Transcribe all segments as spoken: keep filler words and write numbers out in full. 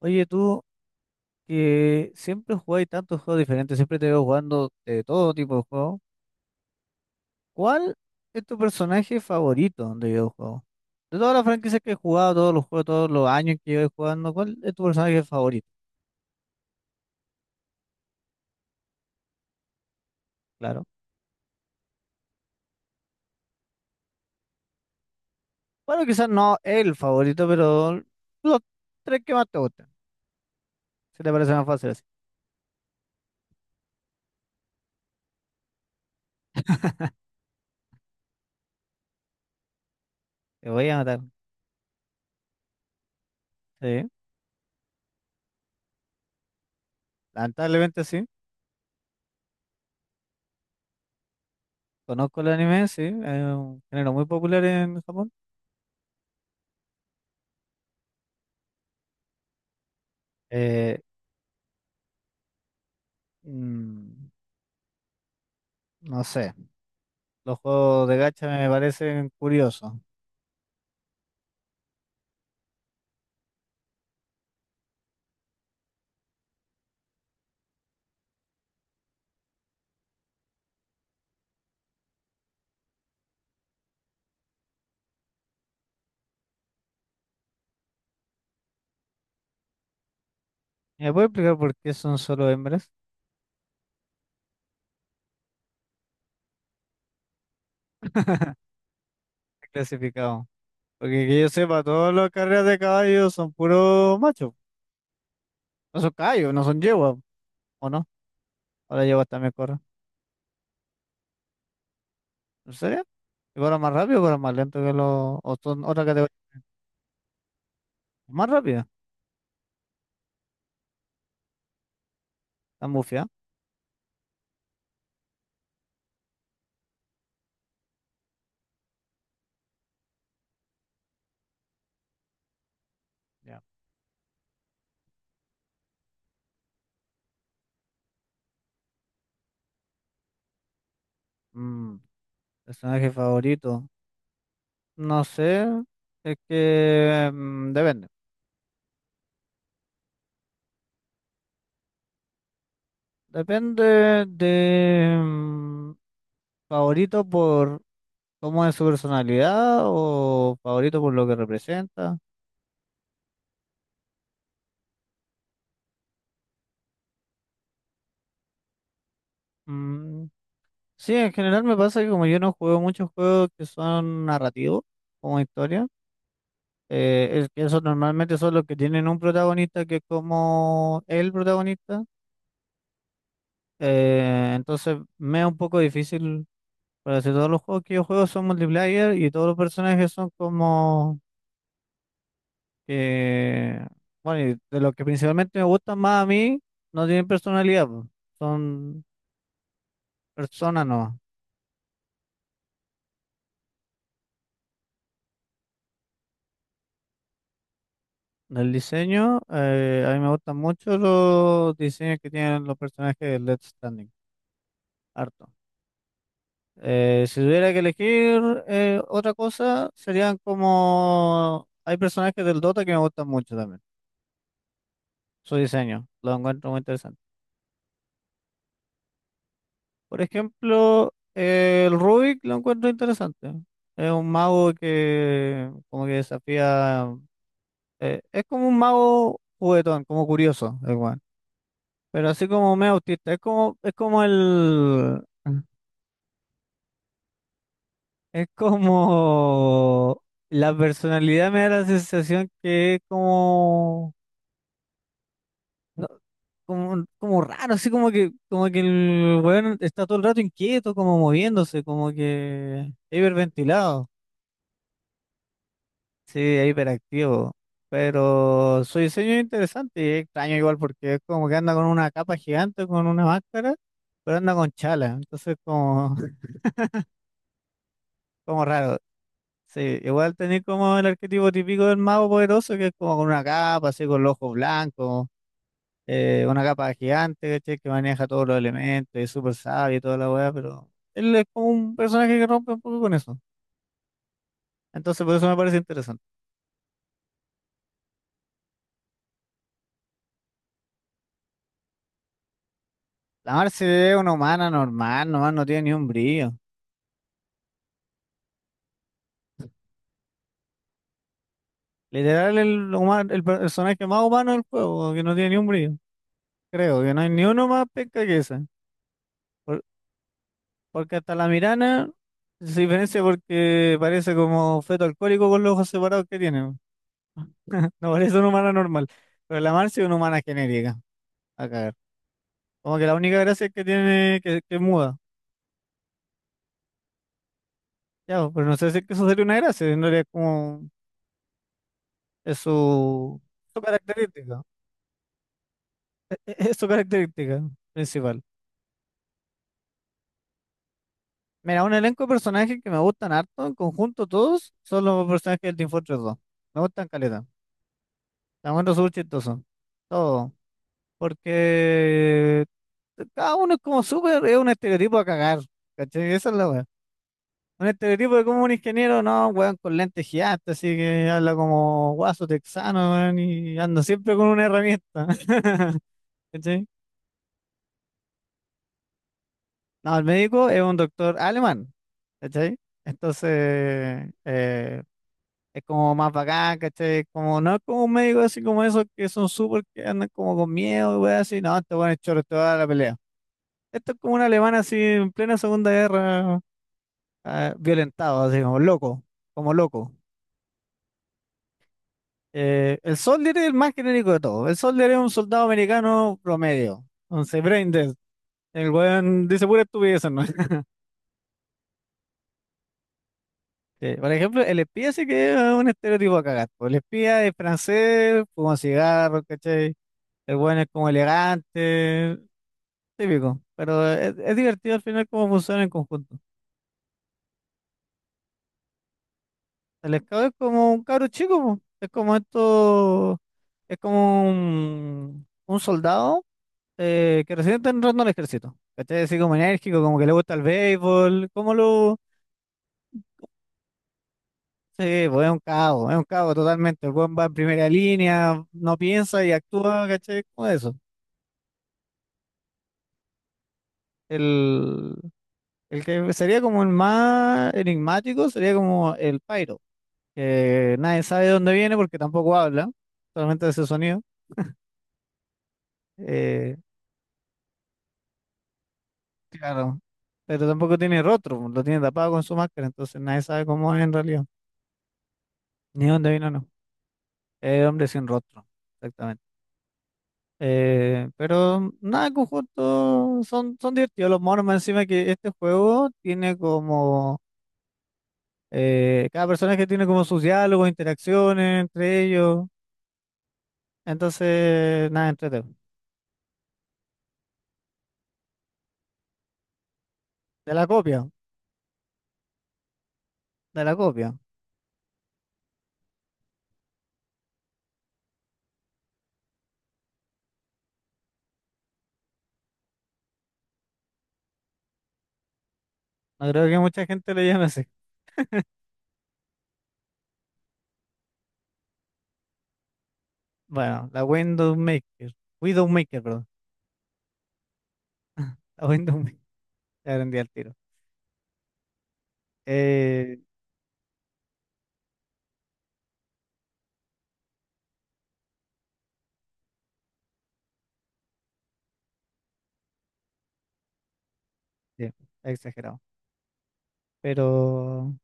Oye, tú que siempre jugáis tantos juegos diferentes, siempre te veo jugando de todo tipo de juegos. ¿Cuál es tu personaje favorito de videojuegos? De todas las franquicias que he jugado, todos los juegos, todos los años que llevo jugando, ¿cuál es tu personaje favorito? Claro. Bueno, quizás no el favorito, pero los tres que más te gustan. Si te parece más fácil así. Te voy a matar. Sí. Lamentablemente sí. Conozco el anime, sí. Es un género muy popular en Japón. Eh, mm, no sé. Los juegos de gacha me parecen curiosos. ¿Me puede explicar por qué son solo hembras clasificados? Porque que yo sepa, todas las carreras de caballos son puros machos. No son caballos, no son yeguas, ¿o no? Ahora yeguas también corren. ¿En serio? ¿Y corren más rápido o corren más lento que los, o son otra categoría? Más rápida, están bufiadas. Ya. Mm, Personaje favorito. No sé, es que mm, depende. Depende de mm, favorito por. ¿Cómo es su personalidad o favorito por lo que representa? Mm, sí, en general me pasa que como yo no juego muchos juegos que son narrativos, como historia, eh, es que esos normalmente son los que tienen un protagonista que es como el protagonista, eh, entonces me es un poco difícil, para decir, todos los juegos que yo juego son multiplayer y todos los personajes son como que, bueno, y de los que principalmente me gustan más a mí, no tienen personalidad, po, son personas. Del diseño, eh, a mí me gustan mucho los diseños que tienen los personajes de Let's Standing, harto. Eh, si tuviera que elegir eh, otra cosa, serían como. Hay personajes del Dota que me gustan mucho también, su diseño, lo encuentro muy interesante. Por ejemplo, eh, el Rubik lo encuentro interesante. Es un mago que como que desafía. Eh, es como un mago juguetón, como curioso, igual. Pero así como medio autista, es como, es como, el. Es como la personalidad me da la sensación que es como, no, como, como raro, así como que, como que el weón está todo el rato inquieto, como moviéndose, como que hiperventilado, sí, hiperactivo. Pero su diseño es interesante y es extraño igual porque es como que anda con una capa gigante, con una máscara, pero anda con chala, entonces como, como raro. Sí, igual tenés como el arquetipo típico del mago poderoso, que es como con una capa, así con los ojos blancos, eh, una capa gigante, ¿cachai? Que maneja todos los elementos, es súper sabio y toda la weá, pero él es como un personaje que rompe un poco con eso. Entonces, por eso me parece interesante. La Marce es una humana normal, nomás no tiene ni un brillo. Literal, el, huma- el per- personaje más humano del juego, que no tiene ni un brillo. Creo que no hay ni uno más penca que ese. Porque hasta la Mirana se diferencia porque parece como feto alcohólico con los ojos separados que tiene, weón. No parece una humana normal. Pero la Marcia es una humana genérica. A cagar. Como que la única gracia es que tiene, que, que es muda. Ya, pues, pero no sé si es que eso sería una gracia. En realidad es como, es su, su característica. Es, es- es su característica principal. Mira, un elenco de personajes que me gustan harto, en conjunto todos, son los personajes del Team Fortress dos. Me gustan caleta. La encuentro súper chistoso. Todo. Porque cada uno es como súper, es un estereotipo a cagar, ¿cachai? Esa es la weá. Un estereotipo de como un ingeniero, no, weón, con lentes gigantes, así que habla como guaso texano, weón, y anda siempre con una herramienta, ¿cachai? No, el médico es un doctor alemán, ¿cachai? Entonces, eh, es como más bacán, ¿cachai? Como, no es como un médico así como esos que son súper, que andan como con miedo, weón, así, no, este weón es choro, te va a dar la pelea. Esto es como un alemán así en plena Segunda Guerra ah, violentado, así como loco, como loco. Eh, el Soldier es el más genérico de todos. El Soldier es un soldado americano promedio. Entonces, Braindead, el weón dice pura estupidez, ¿no? Sí, por ejemplo, el espía sí que es un estereotipo a cagar. Po. El espía es francés, fuma cigarro, ¿cachai? El weón es como elegante, típico. Pero es, es divertido al final cómo funciona en conjunto. El scout es como un cabro chico, po. Es como esto, es como un, un soldado eh, que recién está entrando al ejército, ¿cachai? Así como enérgico, como que le gusta el béisbol, como lo. Sí, pues es un cabo, es un cabo totalmente, el buen va en primera línea, no piensa y actúa, ¿cachai? Como eso. El, el que sería como el más enigmático sería como el Pyro, que nadie sabe de dónde viene porque tampoco habla, solamente de ese sonido. Eh, claro, pero tampoco tiene rostro, lo tiene tapado con su máscara, entonces nadie sabe cómo es en realidad, ni dónde vino, no. Es hombre sin rostro. Exactamente. Eh, pero nada, en conjunto son, son divertidos los monos, más encima que este juego tiene como, eh, cada personaje tiene como sus diálogos, interacciones entre ellos, entonces nada, entretenido. De la copia, de la copia. No creo que mucha gente lo llame así. Bueno, la Widowmaker, Widowmaker, perdón, la Widowmaker, ya aprendí al tiro. Eh, sí, exagerado, pero.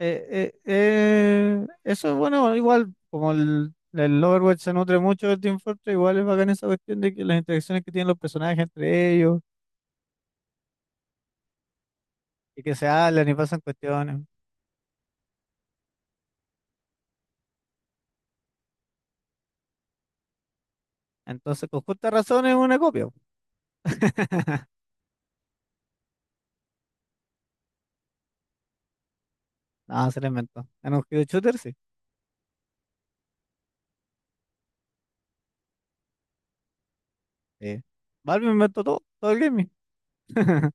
Eh, eh, eh, eso es bueno, igual como el, el Overwatch se nutre mucho del Team Fortress, igual es bacán esa cuestión de que las interacciones que tienen los personajes entre ellos y que se hablan y pasan cuestiones. Entonces, con justa razón es una copia. Po. No, se la inventó. En un hero shooter, sí. Sí. Valve inventó todo, todo el gaming.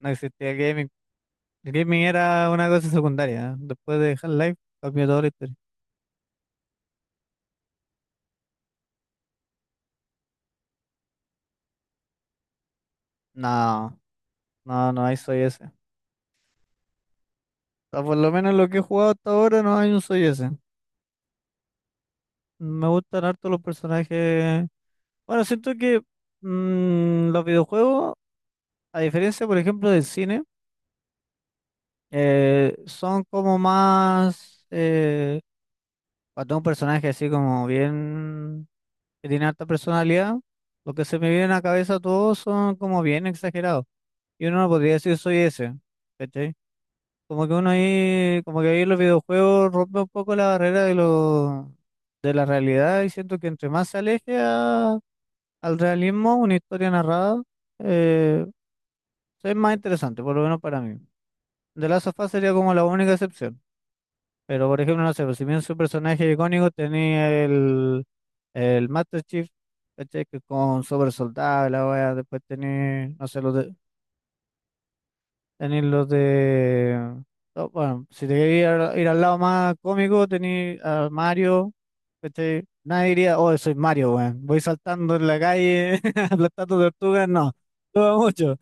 No existía el gaming. El gaming era una cosa secundaria. ¿Eh? Después de Half-Life, cambió toda la historia. No, no, no hay soy ese. O sea, por lo menos lo que he jugado hasta ahora no hay un soy ese. Me gustan harto los personajes. Bueno, siento que mm, los videojuegos, a diferencia, por ejemplo, del cine, eh, son como más. Eh, cuando un personaje así como bien, que tiene alta personalidad, lo que se me viene a la cabeza todos son como bien exagerados. Y uno no podría decir soy ese, ¿cachai? Como que uno ahí, como que ahí los videojuegos rompe un poco la barrera de lo, de la realidad y siento que entre más se aleje a al realismo, una historia narrada eh, es más interesante, por lo menos para mí. The Last of Us sería como la única excepción. Pero, por ejemplo, no sé, pues, si bien su personaje icónico tenía el, el, Master Chief, ¿cachai? Que con super soldado, la wea, después tenía, no sé, los de, tenía los de. No, bueno, si te querías ir, ir al lado más cómico, tenía a Mario, ¿cachai? Nadie diría, oh, soy Mario, weón, voy saltando en la calle, aplastando tortugas, no, todo mucho.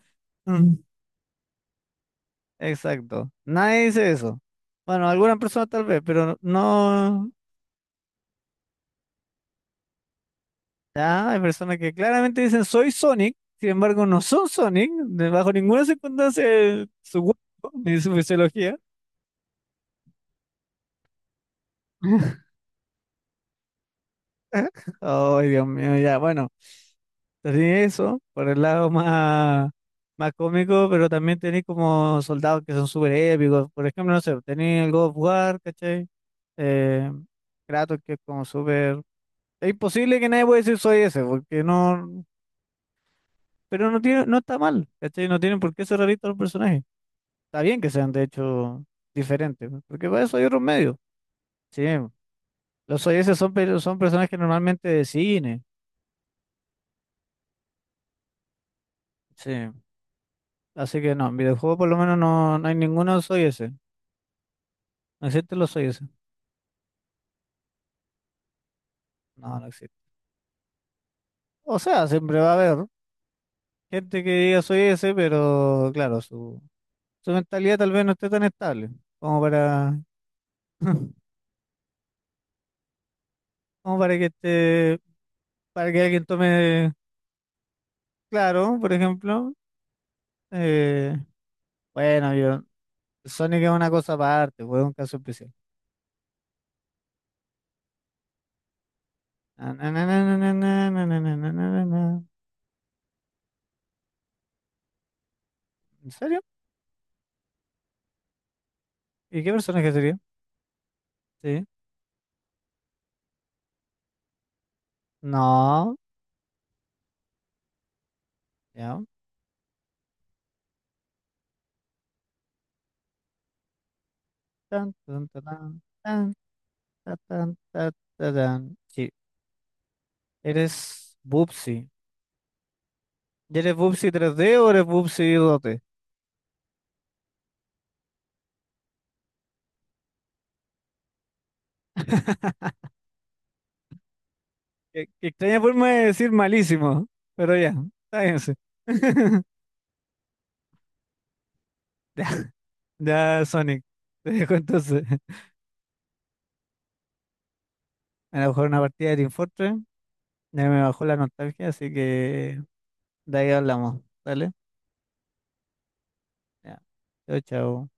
Exacto. Nadie dice eso. Bueno, algunas personas tal vez, pero no. Ya, hay personas que claramente dicen soy Sonic, sin embargo no son Sonic, de- bajo ninguna circunstancia eh, su cuerpo ni su fisiología. Ay, Dios mío, ya, bueno, tenía eso por el lado más, más cómico, pero también tenéis como soldados que son súper épicos. Por ejemplo, no sé, tenéis el God of War, ¿cachai? Eh, Kratos, que es como súper. Es imposible que nadie pueda decir soy ese, porque no. Pero no tiene, no está mal, ¿cachai? No tienen por qué ser realistas los personajes. Está bien que sean, de hecho, diferentes, ¿no? Porque para eso hay otros medios. Sí, los soy ese son, pe- son personajes normalmente de cine. Sí. Así que no, en videojuegos por lo menos no, no hay ninguno soy ese. ¿No existen los soy ese? No, no existe. O sea, siempre va a haber gente que diga soy ese, pero claro, su, su, mentalidad tal vez no esté tan estable como para, como para que esté, para que alguien tome. Claro, por ejemplo, eh, bueno, yo, Sonic es una cosa aparte, fue un caso especial. Na, na, na, na, na, na, na, na, na, na, na, na, na. ¿En serio? ¿Y qué personaje sería? Sí. No, ya. Tan, tan, tan tan, tan, ta, tan, ta, ta, tan. Sí, eres Bubsy. ¿Y eres Bubsy tres d o eres Bubsy dos d? Qué, qué extraña forma de decir malísimo, pero ya, táguense. Ya, Sonic, te dejo entonces. Me la bajó una partida de Team Fortress, ya me bajó la nostalgia, así que de ahí hablamos, ¿vale? Ya. Chao, chao.